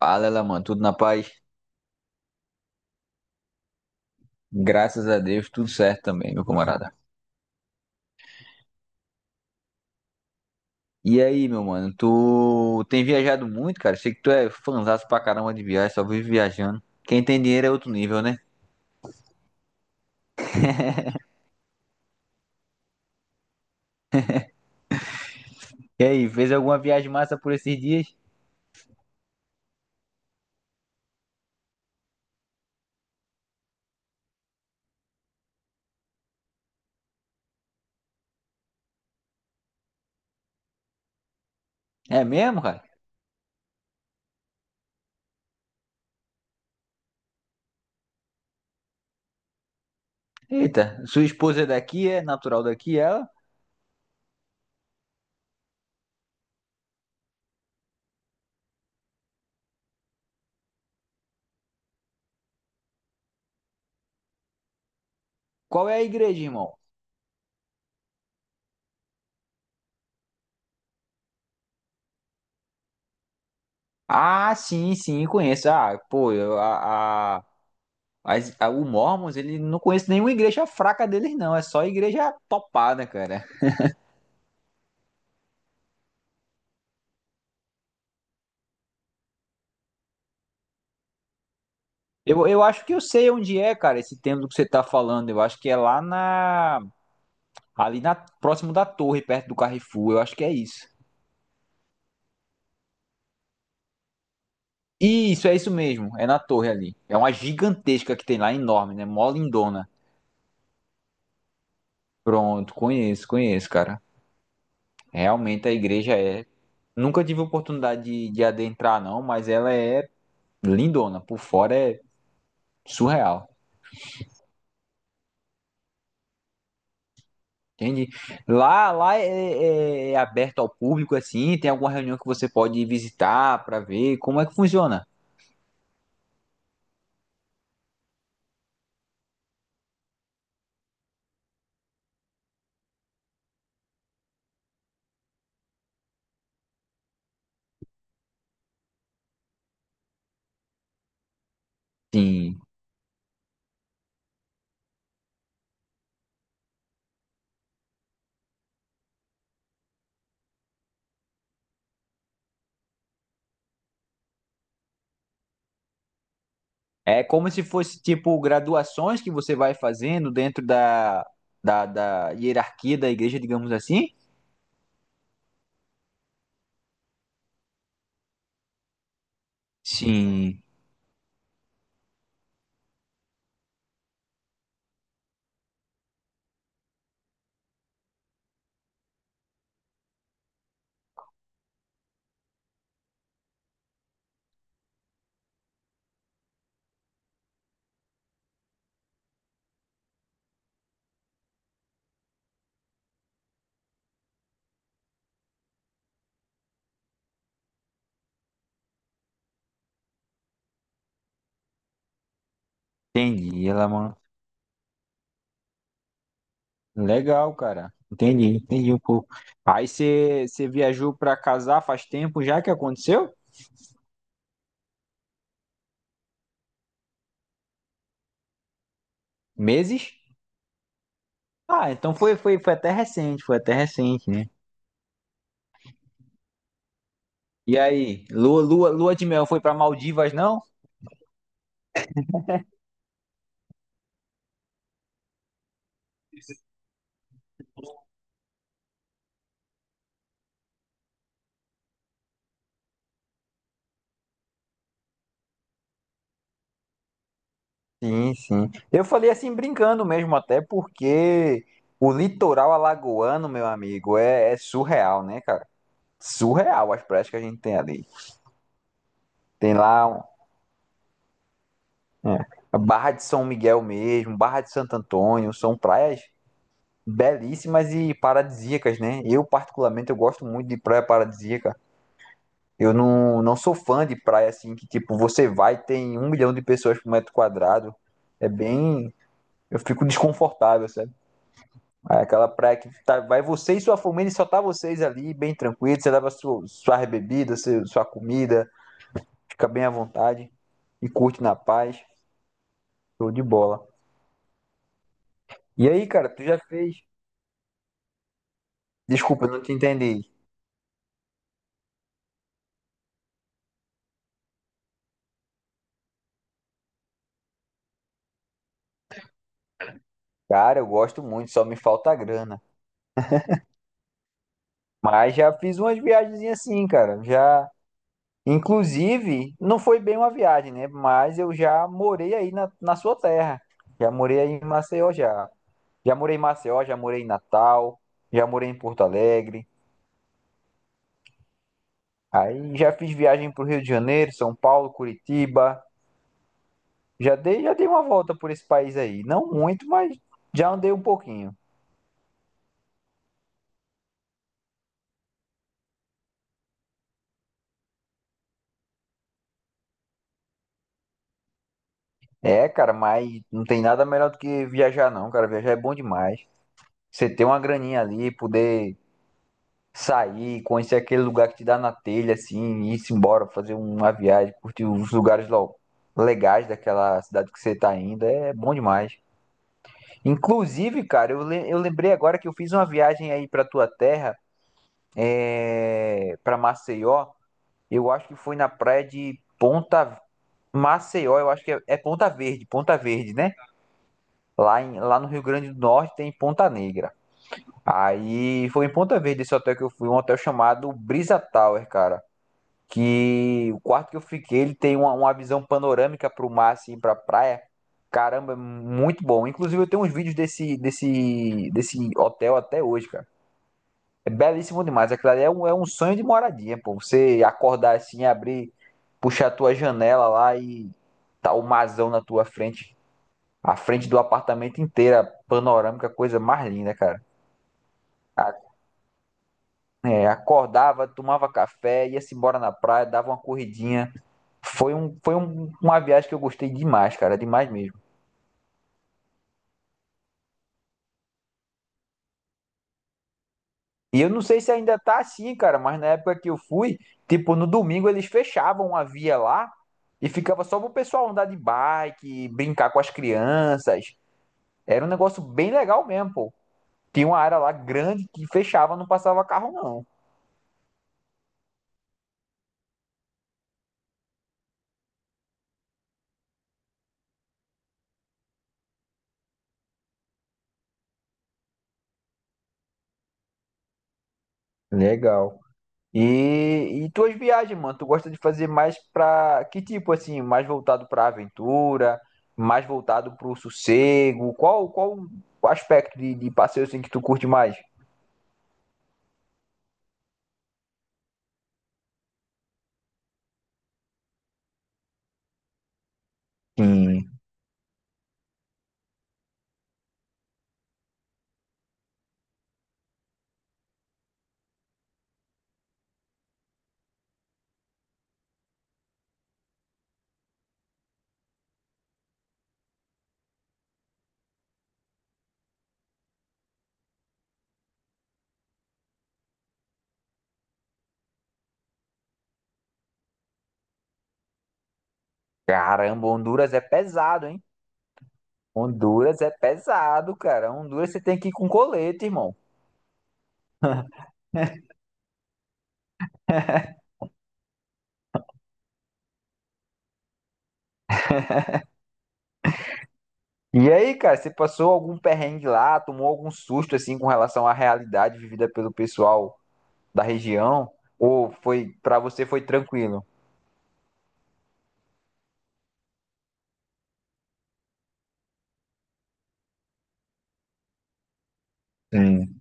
Fala, ela, mano, tudo na paz? Graças a Deus, tudo certo também, meu camarada. E aí, meu mano, tu tem viajado muito, cara? Sei que tu é fanzaço pra caramba de viagem, só vive viajando. Quem tem dinheiro é outro nível, né? E aí, fez alguma viagem massa por esses dias? É mesmo, cara? Eita, sua esposa é daqui, é natural daqui, ela? Qual é a igreja, irmão? Ah, sim, sim, conheço. Ah, pô, o Mormons, ele não conhece nenhuma igreja fraca deles, não. É só igreja topada, cara. Eu acho que eu sei onde é, cara, esse templo que você tá falando. Eu acho que é lá na. Ali na, próximo da torre, perto do Carrefour. Eu acho que é isso. Isso, é isso mesmo. É na torre ali. É uma gigantesca que tem lá, enorme, né? Mó lindona. Pronto, conheço, conheço, cara. Realmente a igreja é. Nunca tive oportunidade de, adentrar, não, mas ela é lindona. Por fora é surreal. Entende? Lá é, é aberto ao público, assim, tem alguma reunião que você pode visitar para ver como é que funciona? Sim. É como se fosse, tipo, graduações que você vai fazendo dentro da hierarquia da igreja, digamos assim? Sim. Entendi. Ela, mano. Legal, cara. Entendi, entendi um pouco. Aí você viajou para casar faz tempo já que aconteceu? Meses? Ah, então foi até recente, foi até recente, né? E aí, lua de mel foi para Maldivas, não? Sim, sim. Eu falei assim brincando mesmo, até porque o litoral alagoano, meu amigo, é surreal, né, cara? Surreal as praias que a gente tem ali. Tem lá é, a Barra de São Miguel mesmo, Barra de Santo Antônio, são praias belíssimas e paradisíacas, né? Eu, particularmente, eu gosto muito de praia paradisíaca. Eu não sou fã de praia assim, que tipo, você vai e tem um milhão de pessoas por metro quadrado. É bem, eu fico desconfortável, sabe? Aí aquela praia que tá, vai você e sua família e só tá vocês ali, bem tranquilo. Você leva sua bebida, sua comida, fica bem à vontade e curte na paz. Show de bola. E aí, cara, tu já fez? Desculpa, eu não te entendi. Cara, eu gosto muito, só me falta a grana. Mas já fiz umas viagens assim, cara. Já Inclusive, não foi bem uma viagem, né? Mas eu já morei aí na sua terra. Já morei aí em Maceió, já. Já morei em Maceió, já morei em Natal, já morei em Porto Alegre. Aí já fiz viagem para o Rio de Janeiro, São Paulo, Curitiba. Já dei uma volta por esse país aí. Não muito, mas já andei um pouquinho. É, cara, mas não tem nada melhor do que viajar, não, cara. Viajar é bom demais. Você ter uma graninha ali, poder sair, conhecer aquele lugar que te dá na telha, assim, e ir-se embora, fazer uma viagem, curtir os lugares legais daquela cidade que você tá indo, é bom demais. Inclusive, cara, eu lembrei agora que eu fiz uma viagem aí pra tua terra, pra Maceió, eu acho que foi na praia de Ponta... Maceió, eu acho que é Ponta Verde, Ponta Verde, né? Lá, lá no Rio Grande do Norte tem Ponta Negra. Aí foi em Ponta Verde esse hotel que eu fui, um hotel chamado Brisa Tower, cara. Que o quarto que eu fiquei, ele tem uma visão panorâmica pro mar, assim, pra praia. Caramba, é muito bom. Inclusive, eu tenho uns vídeos desse hotel até hoje, cara. É belíssimo demais. Aquilo ali é um sonho de moradia, pô. Você acordar assim, abrir, puxar a tua janela lá e tá o marzão na tua frente. A frente do apartamento inteira, panorâmica, coisa mais linda, cara. A- Acordava, tomava café, ia-se embora na praia, dava uma corridinha. Uma viagem que eu gostei demais, cara, demais mesmo. E eu não sei se ainda tá assim, cara, mas na época que eu fui, tipo, no domingo eles fechavam a via lá e ficava só pro pessoal andar de bike, brincar com as crianças. Era um negócio bem legal mesmo, pô. Tinha uma área lá grande que fechava, não passava carro, não. Legal. E tuas viagens, mano, tu gosta de fazer mais pra que tipo assim, mais voltado pra aventura, mais voltado pro sossego? Qual o aspecto de, passeio assim que tu curte mais? Sim. Caramba, Honduras é pesado, hein? Honduras é pesado, cara. Honduras você tem que ir com colete, irmão. E aí, cara, você passou algum perrengue lá, tomou algum susto assim com relação à realidade vivida pelo pessoal da região? Ou foi para você foi tranquilo? Sim.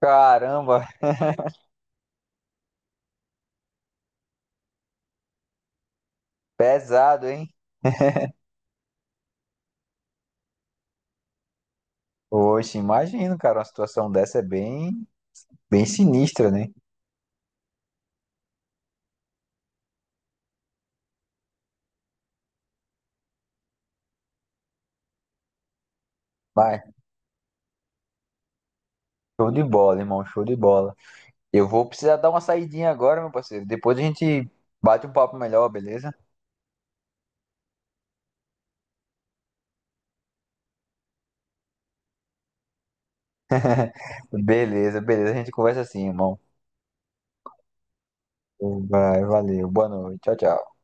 Caramba, pesado, hein? Oxe, imagino, cara, uma situação dessa é bem, bem sinistra, né? Vai, show de bola, irmão, show de bola. Eu vou precisar dar uma saidinha agora, meu parceiro. Depois a gente bate um papo melhor, beleza? Beleza, beleza, a gente conversa assim, irmão. Vai, valeu, boa noite, tchau, tchau.